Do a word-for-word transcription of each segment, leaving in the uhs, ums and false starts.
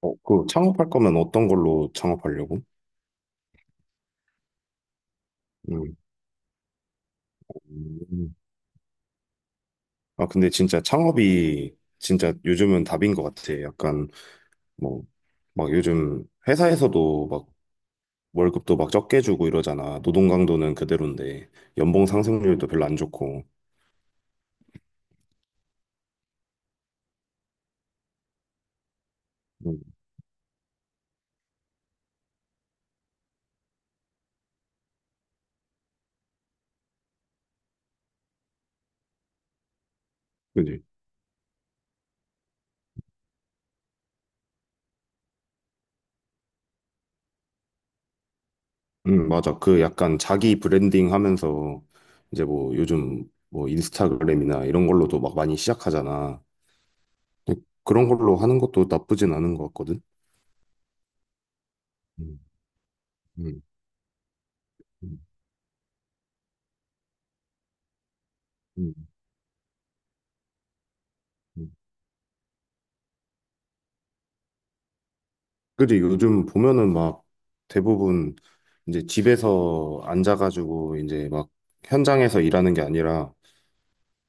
어, 그 창업할 거면 어떤 걸로 창업하려고? 음. 음. 아, 근데 진짜 창업이 진짜 요즘은 답인 것 같아. 약간 뭐, 막 요즘 회사에서도 막 월급도 막 적게 주고 이러잖아. 노동 강도는 그대로인데 연봉 상승률도 별로 안 좋고. 음, 그지? 음, 맞아. 그 약간 자기 브랜딩 하면서 이제 뭐 요즘 뭐 인스타그램이나 이런 걸로도 막 많이 시작하잖아. 근데 그런 걸로 하는 것도 나쁘진 않은 것 같거든. 음, 음, 음, 음. 음. 그지 요즘 보면은 막 대부분 이제 집에서 앉아가지고 이제 막 현장에서 일하는 게 아니라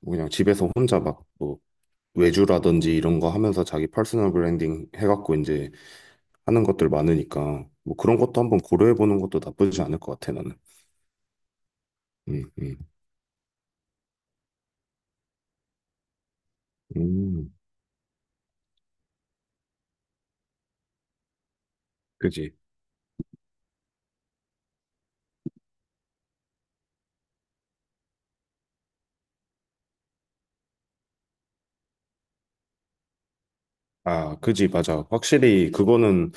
뭐 그냥 집에서 혼자 막 뭐 외주라든지 이런 거 하면서 자기 퍼스널 브랜딩 해갖고 이제 하는 것들 많으니까 뭐 그런 것도 한번 고려해보는 것도 나쁘지 않을 것 같아 나는. 음, 음, 음, 그지. 아, 그지, 맞아. 확실히 그거는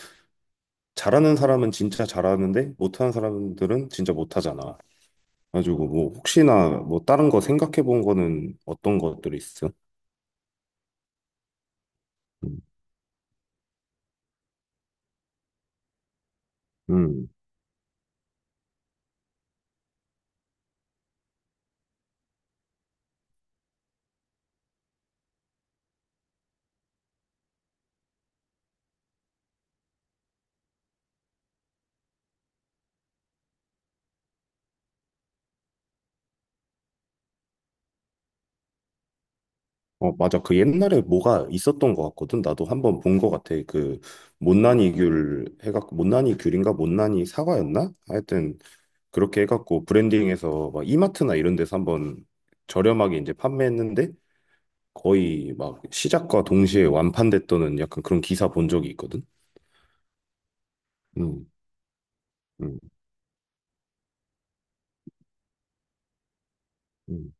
잘하는 사람은 진짜 잘하는데 못하는 사람들은 진짜 못하잖아. 가지고 뭐 혹시나 뭐 다른 거 생각해 본 거는 어떤 것들이 있어? 음. 음. 어, 맞아. 그 옛날에 뭐가 있었던 것 같거든. 나도 한번 본 것 같아. 그 못난이 귤 해갖고 못난이 귤인가 못난이 사과였나? 하여튼 그렇게 해갖고 브랜딩해서 막 이마트나 이런 데서 한번 저렴하게 이제 판매했는데 거의 막 시작과 동시에 완판됐다는 약간 그런 기사 본 적이 있거든. 음. 음. 음.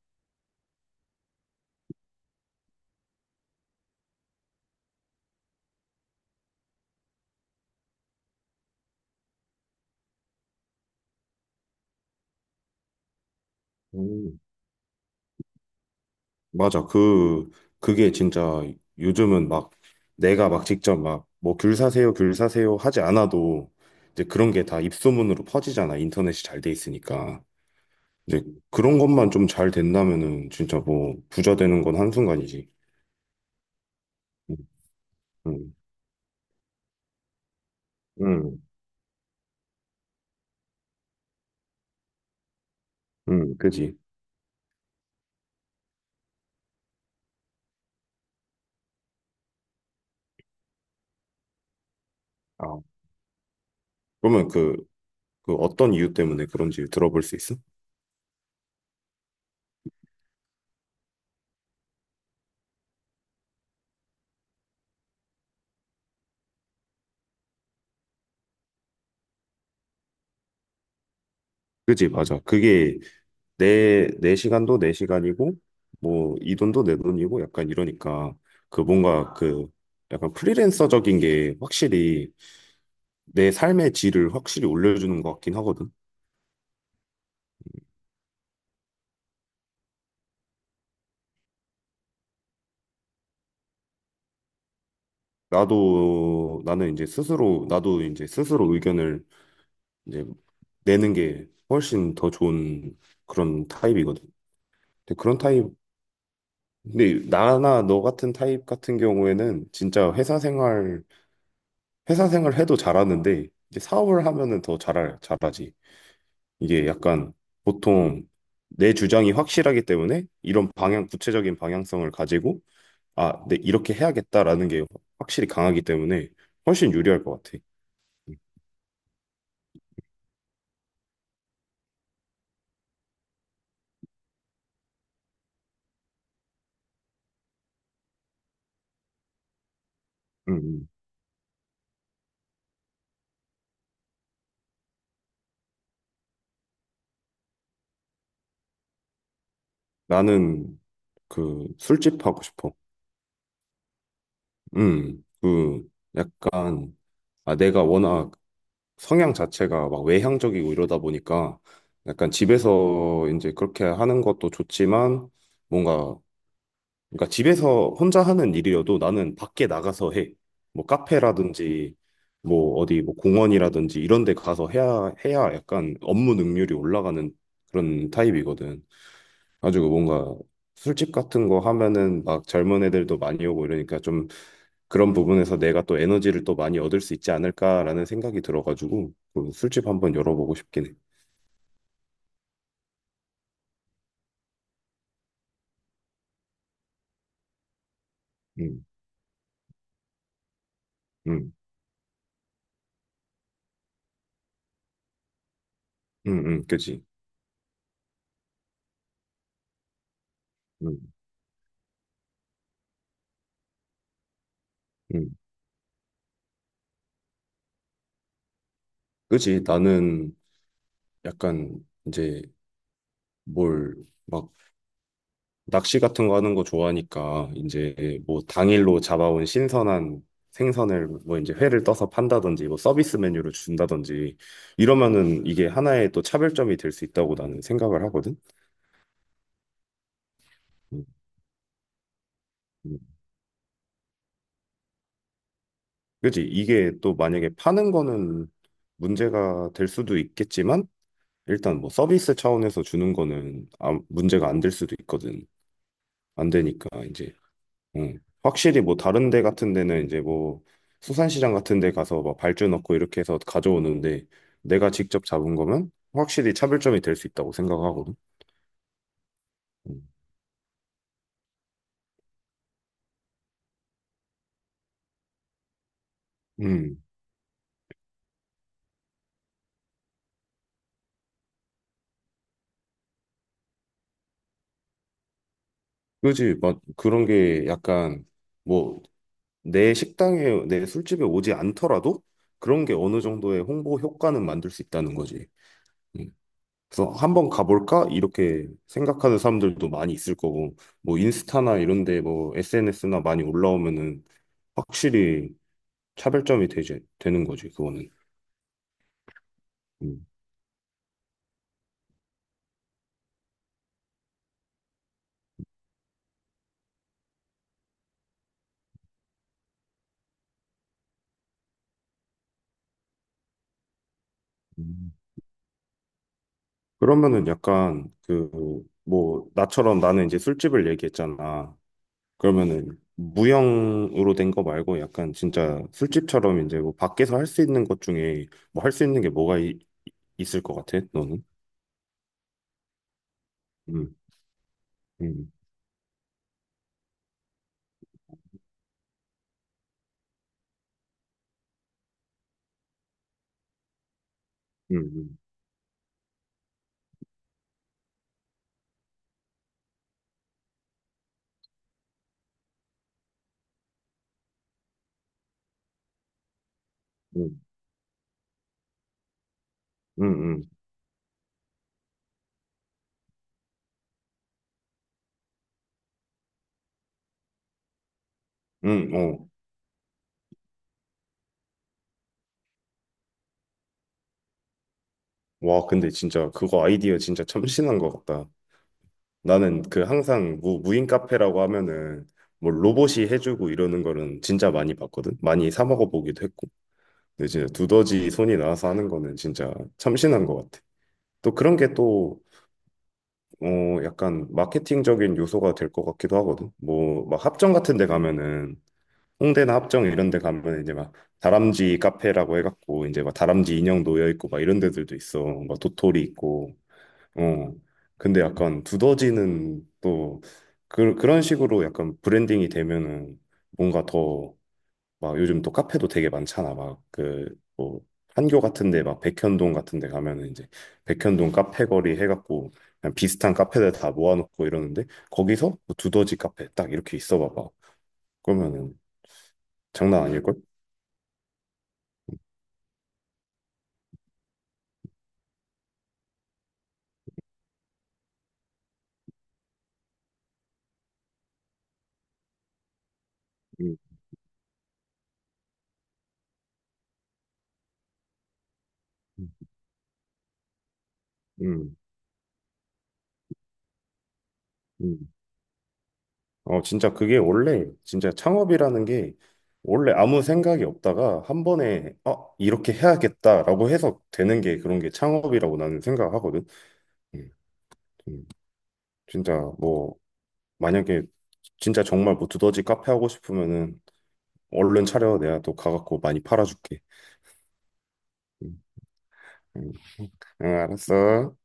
음. 맞아. 그, 그게 진짜 요즘은 막 내가 막 직접 막 뭐 귤 사세요, 귤 사세요 하지 않아도 이제 그런 게 다 입소문으로 퍼지잖아. 인터넷이 잘 돼 있으니까. 이제 그런 것만 좀 잘 된다면은 진짜 뭐 부자 되는 건 한순간이지. 응, 응, 응, 응, 그지. 아, 그러면 그, 그 어떤 이유 때문에 그런지 들어볼 수 있어? 그지, 맞아. 그게 내, 내 시간도 내 시간이고, 뭐, 이 돈도 내 돈이고, 약간 이러니까, 그 뭔가 그, 약간 프리랜서적인 게 확실히 내 삶의 질을 확실히 올려주는 것 같긴 하거든. 나도, 나는 이제 스스로, 나도 이제 스스로 의견을 이제 내는 게 훨씬 더 좋은 그런 타입이거든. 근데 그런 타입, 근데 나나 너 같은 타입 같은 경우에는 진짜 회사 생활, 회사 생활 해도 잘하는데, 이제 사업을 하면은 더 잘, 잘하지. 이게 약간 보통 내 주장이 확실하기 때문에 이런 방향, 구체적인 방향성을 가지고 아, 네, 이렇게 해야겠다라는 게 확실히 강하기 때문에 훨씬 유리할 것 같아. 음, 음. 나는 그 술집 하고 싶어. 음, 그 약간 아, 내가 워낙 성향 자체가 막 외향적이고 이러다 보니까 약간 집에서 이제 그렇게 하는 것도 좋지만 뭔가 그러니까 집에서 혼자 하는 일이어도 나는 밖에 나가서 해. 뭐 카페라든지 뭐 어디 뭐 공원이라든지 이런 데 가서 해야 해야 약간 업무 능률이 올라가는 그런 타입이거든. 가지고 뭔가 술집 같은 거 하면은 막 젊은 애들도 많이 오고 이러니까 좀 그런 부분에서 내가 또 에너지를 또 많이 얻을 수 있지 않을까라는 생각이 들어가지고 그 술집 한번 열어보고 싶긴 해. 음, 음, 음, 음, 그지. 음, 음, 그지. 나는 약간 이제 뭘 막 낚시 같은 거 하는 거 좋아하니까 이제 뭐 당일로 잡아온 신선한 생선을 뭐 이제 회를 떠서 판다든지 뭐 서비스 메뉴로 준다든지 이러면은 이게 하나의 또 차별점이 될 수 있다고 나는 생각을 하거든. 음, 음. 그지? 이게 또 만약에 파는 거는 문제가 될 수도 있겠지만 일단 뭐 서비스 차원에서 주는 거는 아, 문제가 안 될 수도 있거든. 안 되니까 이제 음. 확실히 뭐 다른 데 같은 데는 이제 뭐 수산시장 같은 데 가서 막 발주 넣고 이렇게 해서 가져오는데 내가 직접 잡은 거면 확실히 차별점이 될 수 있다고 생각하거든. 음. 음. 그지? 막 그런 게 약간 뭐 내 식당에 내 술집에 오지 않더라도 그런 게 어느 정도의 홍보 효과는 만들 수 있다는 거지. 음. 그래서 한번 가볼까? 이렇게 생각하는 사람들도 많이 있을 거고, 뭐 인스타나 이런 데 뭐 에스엔에스나 많이 올라오면은 확실히 차별점이 되지, 되는 거지, 그거는. 음. 음. 그러면은 약간 그, 뭐, 나처럼 나는 이제 술집을 얘기했잖아. 그러면은 무형으로 된 거 말고 약간 진짜 술집처럼 이제 뭐 밖에서 할 수 있는 것 중에 뭐 할 수 있는 게 뭐가 이- 있을 것 같아, 너는? 음, 음, 음, 음, 음, 음, 음, 음, 어. 와, 근데 진짜 그거 아이디어 진짜 참신한 것 같다. 나는 그 항상 무, 무인 카페라고 하면은 뭐 로봇이 해주고 이러는 거는 진짜 많이 봤거든. 많이 사 먹어 보기도 했고. 근데 진짜 두더지 손이 나와서 하는 거는 진짜 참신한 것 같아. 또 그런 게 또, 어, 약간 마케팅적인 요소가 될 것 같기도 하거든. 뭐, 막 합정 같은 데 가면은 홍대나 합정 이런 데 가면 이제 막 다람쥐 카페라고 해갖고 이제 막 다람쥐 인형 놓여 있고 막 이런 데들도 있어. 막 도토리 있고. 어. 근데 약간 두더지는 또 그, 그런 식으로 약간 브랜딩이 되면은 뭔가 더 막 요즘 또 카페도 되게 많잖아. 막 그 뭐 판교 같은 데 막 백현동 같은 데 가면은 이제 백현동 카페 거리 해갖고 그냥 비슷한 카페들 다 모아놓고 이러는데 거기서 뭐 두더지 카페 딱 이렇게 있어 봐봐. 그러면은 장난 아닐걸? 음, 음, 음. 어, 진짜 그게 원래, 진짜 창업이라는 게 원래 아무 생각이 없다가 한 번에, 어, 이렇게 해야겠다라고 해서 되는 게 그런 게 창업이라고 나는 생각하거든. 음, 음, 진짜 뭐, 만약에 진짜 정말 뭐 두더지 카페 하고 싶으면은 얼른 차려. 내가 또 가갖고 많이 팔아줄게. 음, 음, 응, 응, 알았어.